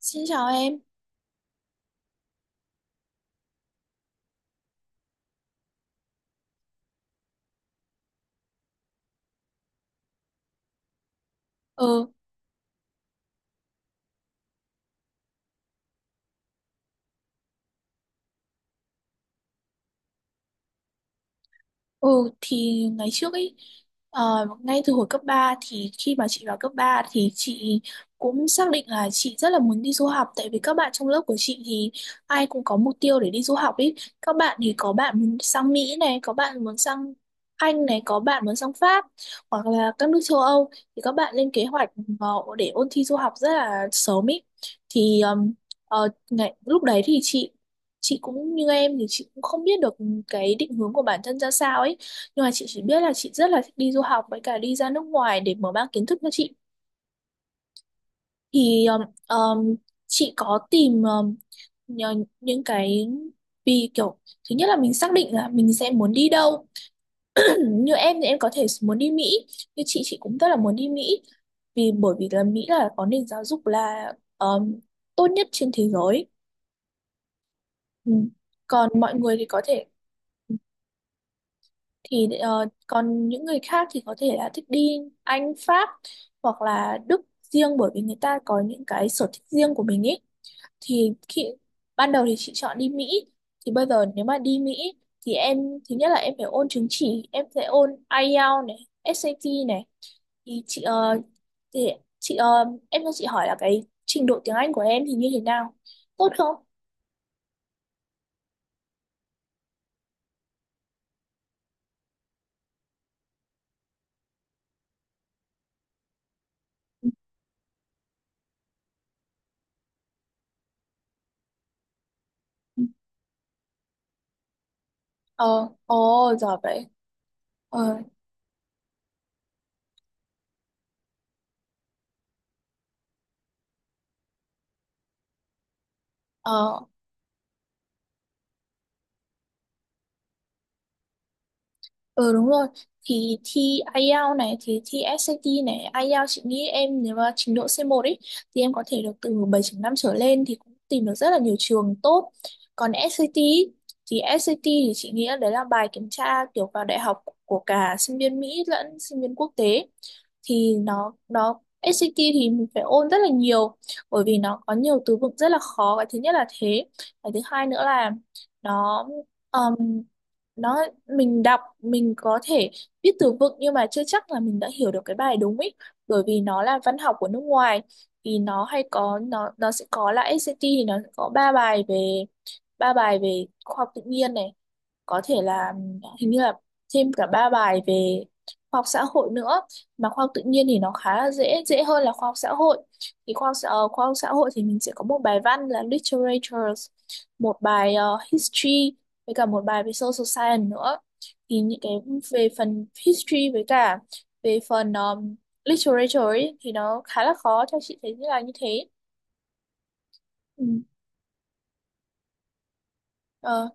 Xin chào em. Ừ, ừ thì ngày trước ấy, ngay từ hồi cấp 3 thì khi mà chị vào cấp 3 thì chị cũng xác định là chị rất là muốn đi du học, tại vì các bạn trong lớp của chị thì ai cũng có mục tiêu để đi du học ấy. Các bạn thì có bạn muốn sang Mỹ này, có bạn muốn sang Anh này, có bạn muốn sang Pháp hoặc là các nước châu Âu, thì các bạn lên kế hoạch ờ, để ôn thi du học rất là sớm ấy. Thì ờm, lúc đấy thì chị cũng như em, thì chị cũng không biết được cái định hướng của bản thân ra sao ấy, nhưng mà chị chỉ biết là chị rất là thích đi du học với cả đi ra nước ngoài để mở mang kiến thức cho chị. Thì um, chị có tìm nhờ- những cái, vì kiểu thứ nhất là mình xác định là mình sẽ muốn đi đâu. Như em thì em có thể muốn đi Mỹ, như chị cũng rất là muốn đi Mỹ, vì bởi vì là Mỹ là có nền giáo dục là um, tốt nhất trên thế giới. Ừ, còn mọi người thì có thể, thì còn những người khác thì có thể là thích đi Anh, Pháp hoặc là Đức riêng, bởi vì người ta có những cái sở thích riêng của mình ấy. Thì khi ban đầu thì chị chọn đi Mỹ, thì bây giờ nếu mà đi Mỹ thì em, thứ nhất là em phải ôn chứng chỉ, em sẽ ôn IELTS này, SAT này. thì chị ờ, thì em cho chị hỏi là cái trình độ tiếng Anh của em thì như thế nào, tốt không? Ừ. ờ ồ, giỏi vậy. ờ ờ Ừ, đúng rồi. Thì thi IELTS này, thì thi SAT này, IELTS chị nghĩ em nếu mà trình độ c một ấy thì em có thể được từ 7 năm trở lên thì cũng tìm được rất là nhiều trường tốt. Còn SAT ý, thì SAT thì chị nghĩ là đấy là bài kiểm tra kiểu vào đại học của cả sinh viên Mỹ lẫn sinh viên quốc tế. Thì nó SAT thì mình phải ôn rất là nhiều, bởi vì nó có nhiều từ vựng rất là khó, cái thứ nhất là thế. Cái thứ hai nữa là nó nó, mình đọc mình có thể viết từ vựng nhưng mà chưa chắc là mình đã hiểu được cái bài đúng ý, bởi vì nó là văn học của nước ngoài. Thì nó sẽ có là SAT thì nó sẽ có ba bài về, ba bài về khoa học tự nhiên này, có thể là hình như là thêm cả ba bài về khoa học xã hội nữa. Mà khoa học tự nhiên thì nó khá là dễ dễ hơn là khoa học xã hội. Thì khoa học xã hội thì mình sẽ có một bài văn là literatures, một bài history, với cả một bài về social science nữa. Thì những cái về phần history với cả về phần literature ấy, thì nó khá là khó, theo chị thấy như là như thế. Ừ. Ờ,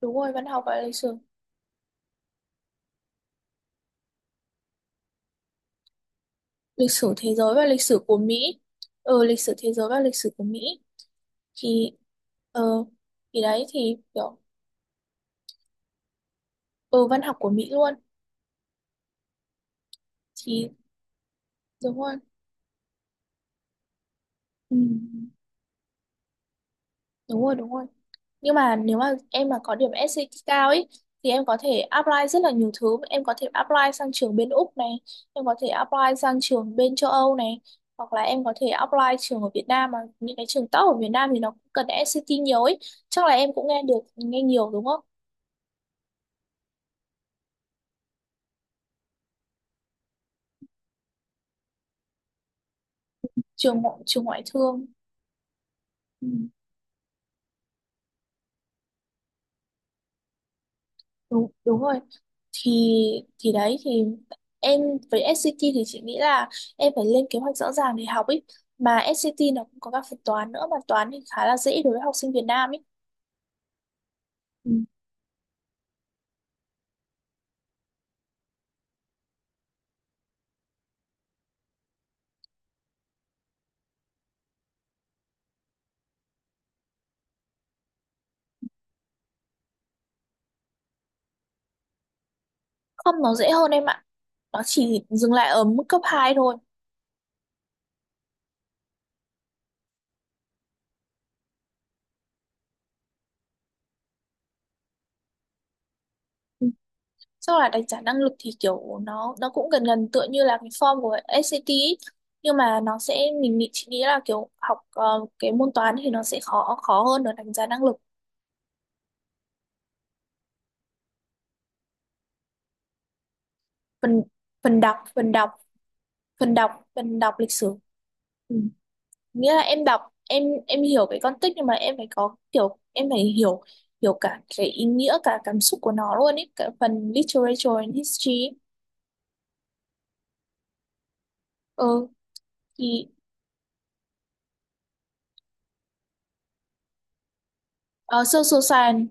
đúng rồi, văn học và lịch sử. Lịch sử thế giới và lịch sử của Mỹ. Ừ, lịch sử thế giới và lịch sử của Mỹ. Thì ờ, thì đấy thì kiểu, ừ, văn học của Mỹ luôn. Thì đúng rồi. Ừ, đúng rồi đúng rồi. Nhưng mà nếu mà em mà có điểm SAT cao ấy thì em có thể apply rất là nhiều thứ, em có thể apply sang trường bên Úc này, em có thể apply sang trường bên châu Âu này, hoặc là em có thể apply trường ở Việt Nam, mà những cái trường top ở Việt Nam thì nó cũng cần SAT nhiều ấy. Chắc là em cũng nghe nhiều đúng không? Trường ngoại thương. Ừ, đúng đúng rồi. Thì thì đấy thì em, với SCT thì chị nghĩ là em phải lên kế hoạch rõ ràng để học ấy. Mà SCT nó cũng có các phần toán nữa, mà toán thì khá là dễ đối với học sinh Việt Nam ấy. Ừ. Không, nó dễ hơn em ạ, nó chỉ dừng lại ở mức cấp 2 thôi. Ừ, sau là đánh giá năng lực thì kiểu nó cũng gần gần tựa như là cái form của SAT ý. Nhưng mà nó sẽ, mình nghĩ chị nghĩ là kiểu học, cái môn toán thì nó sẽ khó khó hơn ở đánh giá năng lực. Phần Phần đọc, phần đọc lịch sử. Ừ, nghĩa là em đọc, em hiểu cái con tích, nhưng mà em phải có kiểu em phải hiểu hiểu cả cái ý nghĩa, cả cảm xúc của nó luôn ấy, cả phần literature and history ấy. Ừ, thì ờ, social science,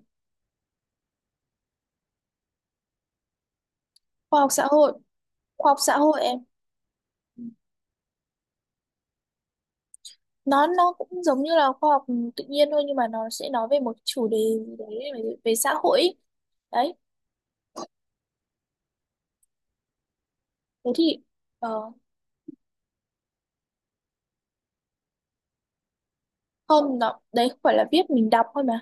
khoa học xã hội. Khoa học xã hội em, nó cũng giống như là khoa học tự nhiên thôi, nhưng mà nó sẽ nói về một chủ đề gì đấy về, về xã hội ấy. Đấy. Thế thì, ờ, không, nó đấy không phải là viết, mình đọc thôi mà,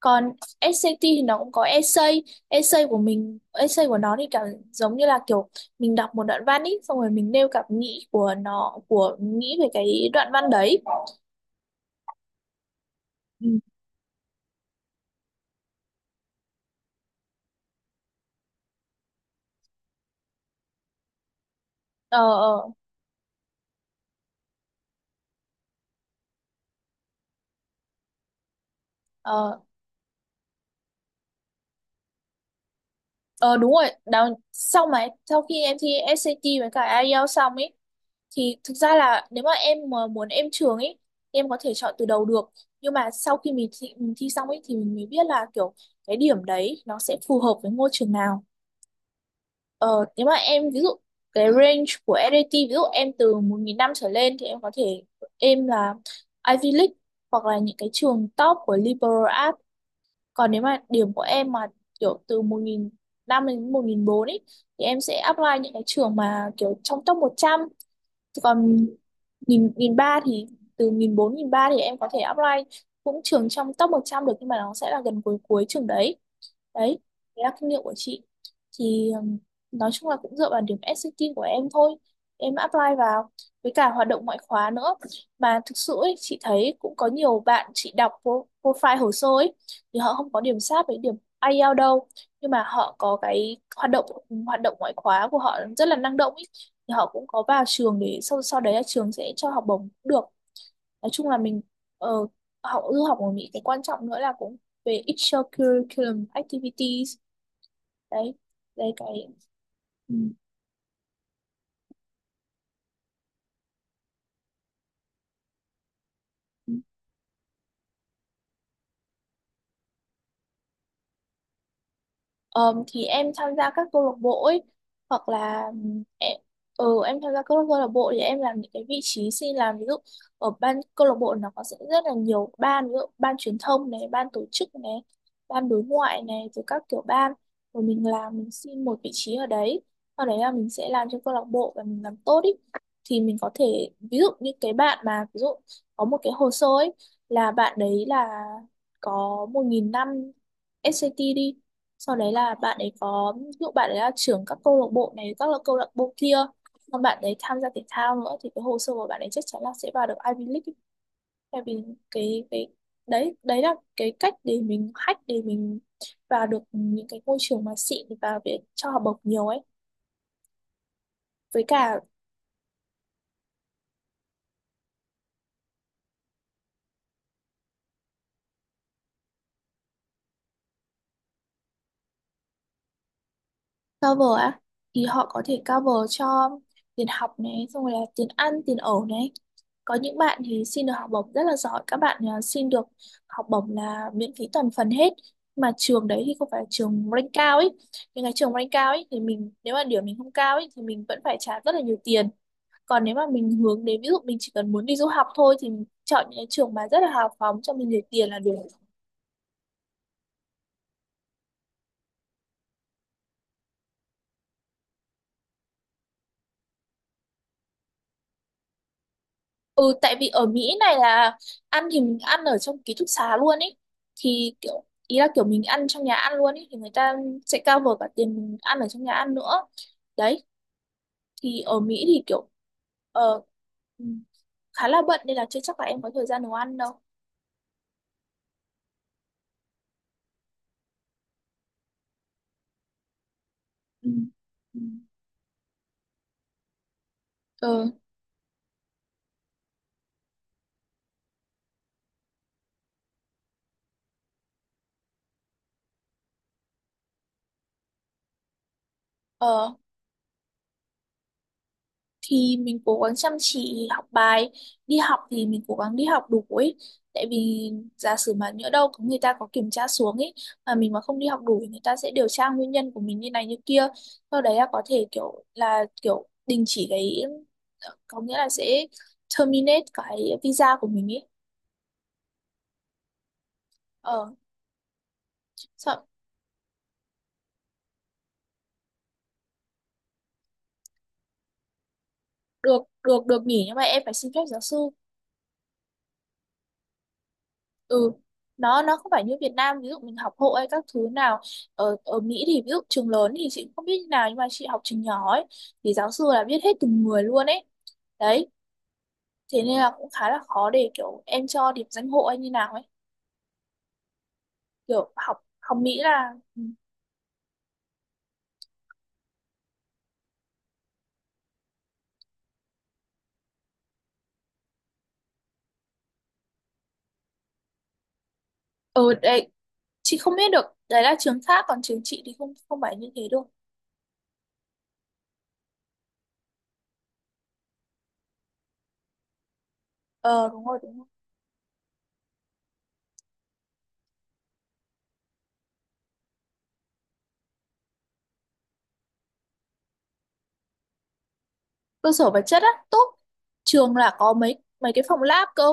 còn SAT thì nó cũng có essay. Essay của mình Essay của nó thì cảm, giống như là kiểu mình đọc một đoạn văn ý, xong rồi mình nêu cảm nghĩ của nó của nghĩ về cái đoạn văn đấy. Ừ. ờ ờ ờ Ờ, đúng rồi đó. Sau khi em thi SAT với cả IELTS xong ấy, thì thực ra là nếu mà em mà muốn em trường ấy, em có thể chọn từ đầu được, nhưng mà sau khi mình thi xong ấy thì mình mới biết là kiểu cái điểm đấy nó sẽ phù hợp với ngôi trường nào. Ờ, nếu mà em ví dụ cái range của SAT ví dụ em từ 1.500 trở lên thì em có thể em là Ivy League hoặc là những cái trường top của liberal arts. Còn nếu mà điểm của em mà kiểu từ 1.500 đến 1.400 ấy thì em sẽ apply những cái trường mà kiểu trong top 100. Thì còn 1.300 thì, từ 1.400, 1.300 thì em có thể apply cũng trường trong top 100 được, nhưng mà nó sẽ là gần cuối cuối trường đấy. Đấy, đấy là kinh nghiệm của chị. Thì nói chung là cũng dựa vào điểm SAT của em thôi, em apply vào, với cả hoạt động ngoại khóa nữa. Mà thực sự ấy, chị thấy cũng có nhiều bạn, chị đọc profile hồ sơ ấy, thì họ không có điểm sát với điểm IELTS đâu, nhưng mà họ có cái hoạt động ngoại khóa của họ rất là năng động ấy, thì họ cũng có vào trường để sau sau đấy là trường sẽ cho học bổng cũng được. Nói chung là mình, ờ, học du học ở Mỹ cái quan trọng nữa là cũng về extracurriculum activities. Đấy. Đấy cái Ừ. Thì em tham gia các câu lạc bộ ấy, hoặc là em, ừ, em tham gia các câu lạc bộ thì em làm những cái vị trí xin làm, ví dụ ở ban câu lạc bộ nó có sẽ rất là nhiều ban, ví dụ ban truyền thông này, ban tổ chức này, ban đối ngoại này, rồi các kiểu ban, rồi mình làm, mình xin một vị trí ở đấy, sau đấy là mình sẽ làm cho câu lạc bộ và mình làm tốt ý. Thì mình có thể ví dụ như cái bạn mà ví dụ có một cái hồ sơ ấy, là bạn đấy là có 1500 SAT đi, sau đấy là bạn ấy có, ví dụ bạn ấy là trưởng các câu lạc bộ này, các là câu lạc bộ kia, còn bạn ấy tham gia thể thao nữa, thì cái hồ sơ của bạn ấy chắc chắn là sẽ vào được Ivy League ấy. Tại vì cái đấy, đấy là cái cách để mình hack để mình vào được những cái môi trường mà xịn và để cho học bổng nhiều ấy. Với cả, cover á, thì họ có thể cover cho tiền học này, xong rồi là tiền ăn tiền ở này. Có những bạn thì xin được học bổng rất là giỏi, các bạn xin được học bổng là miễn phí toàn phần hết, mà trường đấy thì không phải là trường rank cao ấy. Những cái trường rank cao ấy thì mình nếu mà điểm mình không cao ấy thì mình vẫn phải trả rất là nhiều tiền. Còn nếu mà mình hướng đến ví dụ mình chỉ cần muốn đi du học thôi thì mình chọn những cái trường mà rất là hào phóng cho mình để tiền là được. Ừ, tại vì ở Mỹ này là ăn thì mình ăn ở trong ký túc xá luôn ấy, thì kiểu ý là kiểu mình ăn trong nhà ăn luôn ấy thì người ta sẽ cover cả tiền mình ăn ở trong nhà ăn nữa. Đấy, thì ở Mỹ thì kiểu ờ, ừ, khá là bận nên là chưa chắc là em có thời gian nấu ăn đâu. Ừ. Ừ. Ờ, ờ. Thì mình cố gắng chăm chỉ học bài, đi học thì mình cố gắng đi học đủ ấy, tại vì giả sử mà nhỡ đâu có người ta có kiểm tra xuống ấy mà mình mà không đi học đủ thì người ta sẽ điều tra nguyên nhân của mình như này như kia, sau đấy là có thể kiểu là kiểu đình chỉ cái, có nghĩa là sẽ terminate cái visa của mình ấy. ờ Sợ. Được, được nghỉ nhưng mà em phải xin phép giáo sư. Ừ, nó không phải như Việt Nam ví dụ mình học hộ hay các thứ nào. Ở ở Mỹ thì ví dụ trường lớn thì chị cũng không biết như nào, nhưng mà chị học trường nhỏ ấy thì giáo sư là biết hết từng người luôn ấy. Đấy, thế nên là cũng khá là khó để kiểu em cho điểm danh hộ hay như nào ấy. Kiểu học học Mỹ là ừ. Ừ, đấy. Chị không biết được, đấy là trường khác, còn trường chị thì không không phải như thế đâu. Ờ, đúng rồi, đúng rồi. Cơ sở vật chất á? Tốt. Trường là có mấy mấy cái phòng lab cơ,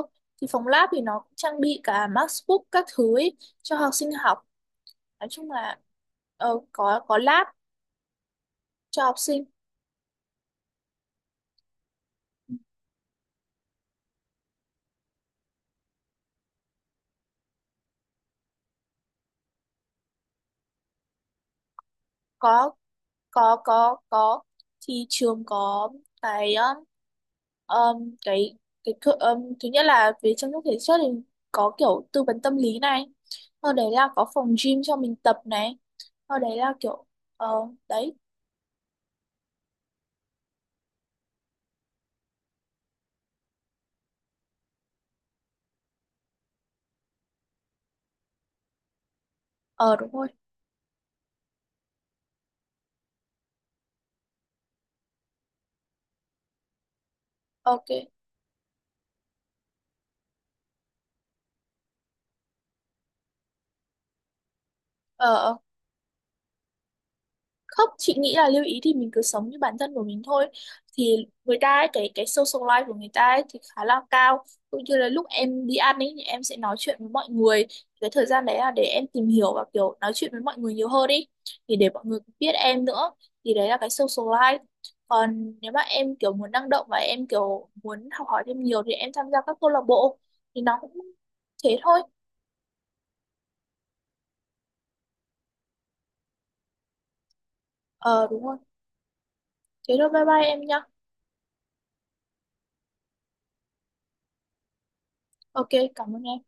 thì phòng lab thì nó cũng trang bị cả MacBook các thứ ấy, cho học sinh học. Nói chung là có lab cho học sinh. có có, thì trường có cái um, cái thứ nhất là về chăm sóc thể chất thì có kiểu tư vấn tâm lý này, sau đấy là có phòng gym cho mình tập này, sau đấy là kiểu ờ. Đấy. Ờ đúng rồi. Ok. ờ ờ Không, chị nghĩ là lưu ý thì mình cứ sống như bản thân của mình thôi. Thì người ta ấy, cái social life của người ta ấy thì khá là cao, cũng như là lúc em đi ăn ấy thì em sẽ nói chuyện với mọi người, cái thời gian đấy là để em tìm hiểu và kiểu nói chuyện với mọi người nhiều hơn đi, thì để mọi người biết em nữa. Thì đấy là cái social life. Còn nếu mà em kiểu muốn năng động và em kiểu muốn học hỏi thêm nhiều thì em tham gia các câu lạc bộ thì nó cũng thế thôi. Ờ đúng rồi. Thế thôi, bye bye em nhá. Ok, cảm ơn em.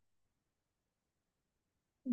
Ừ.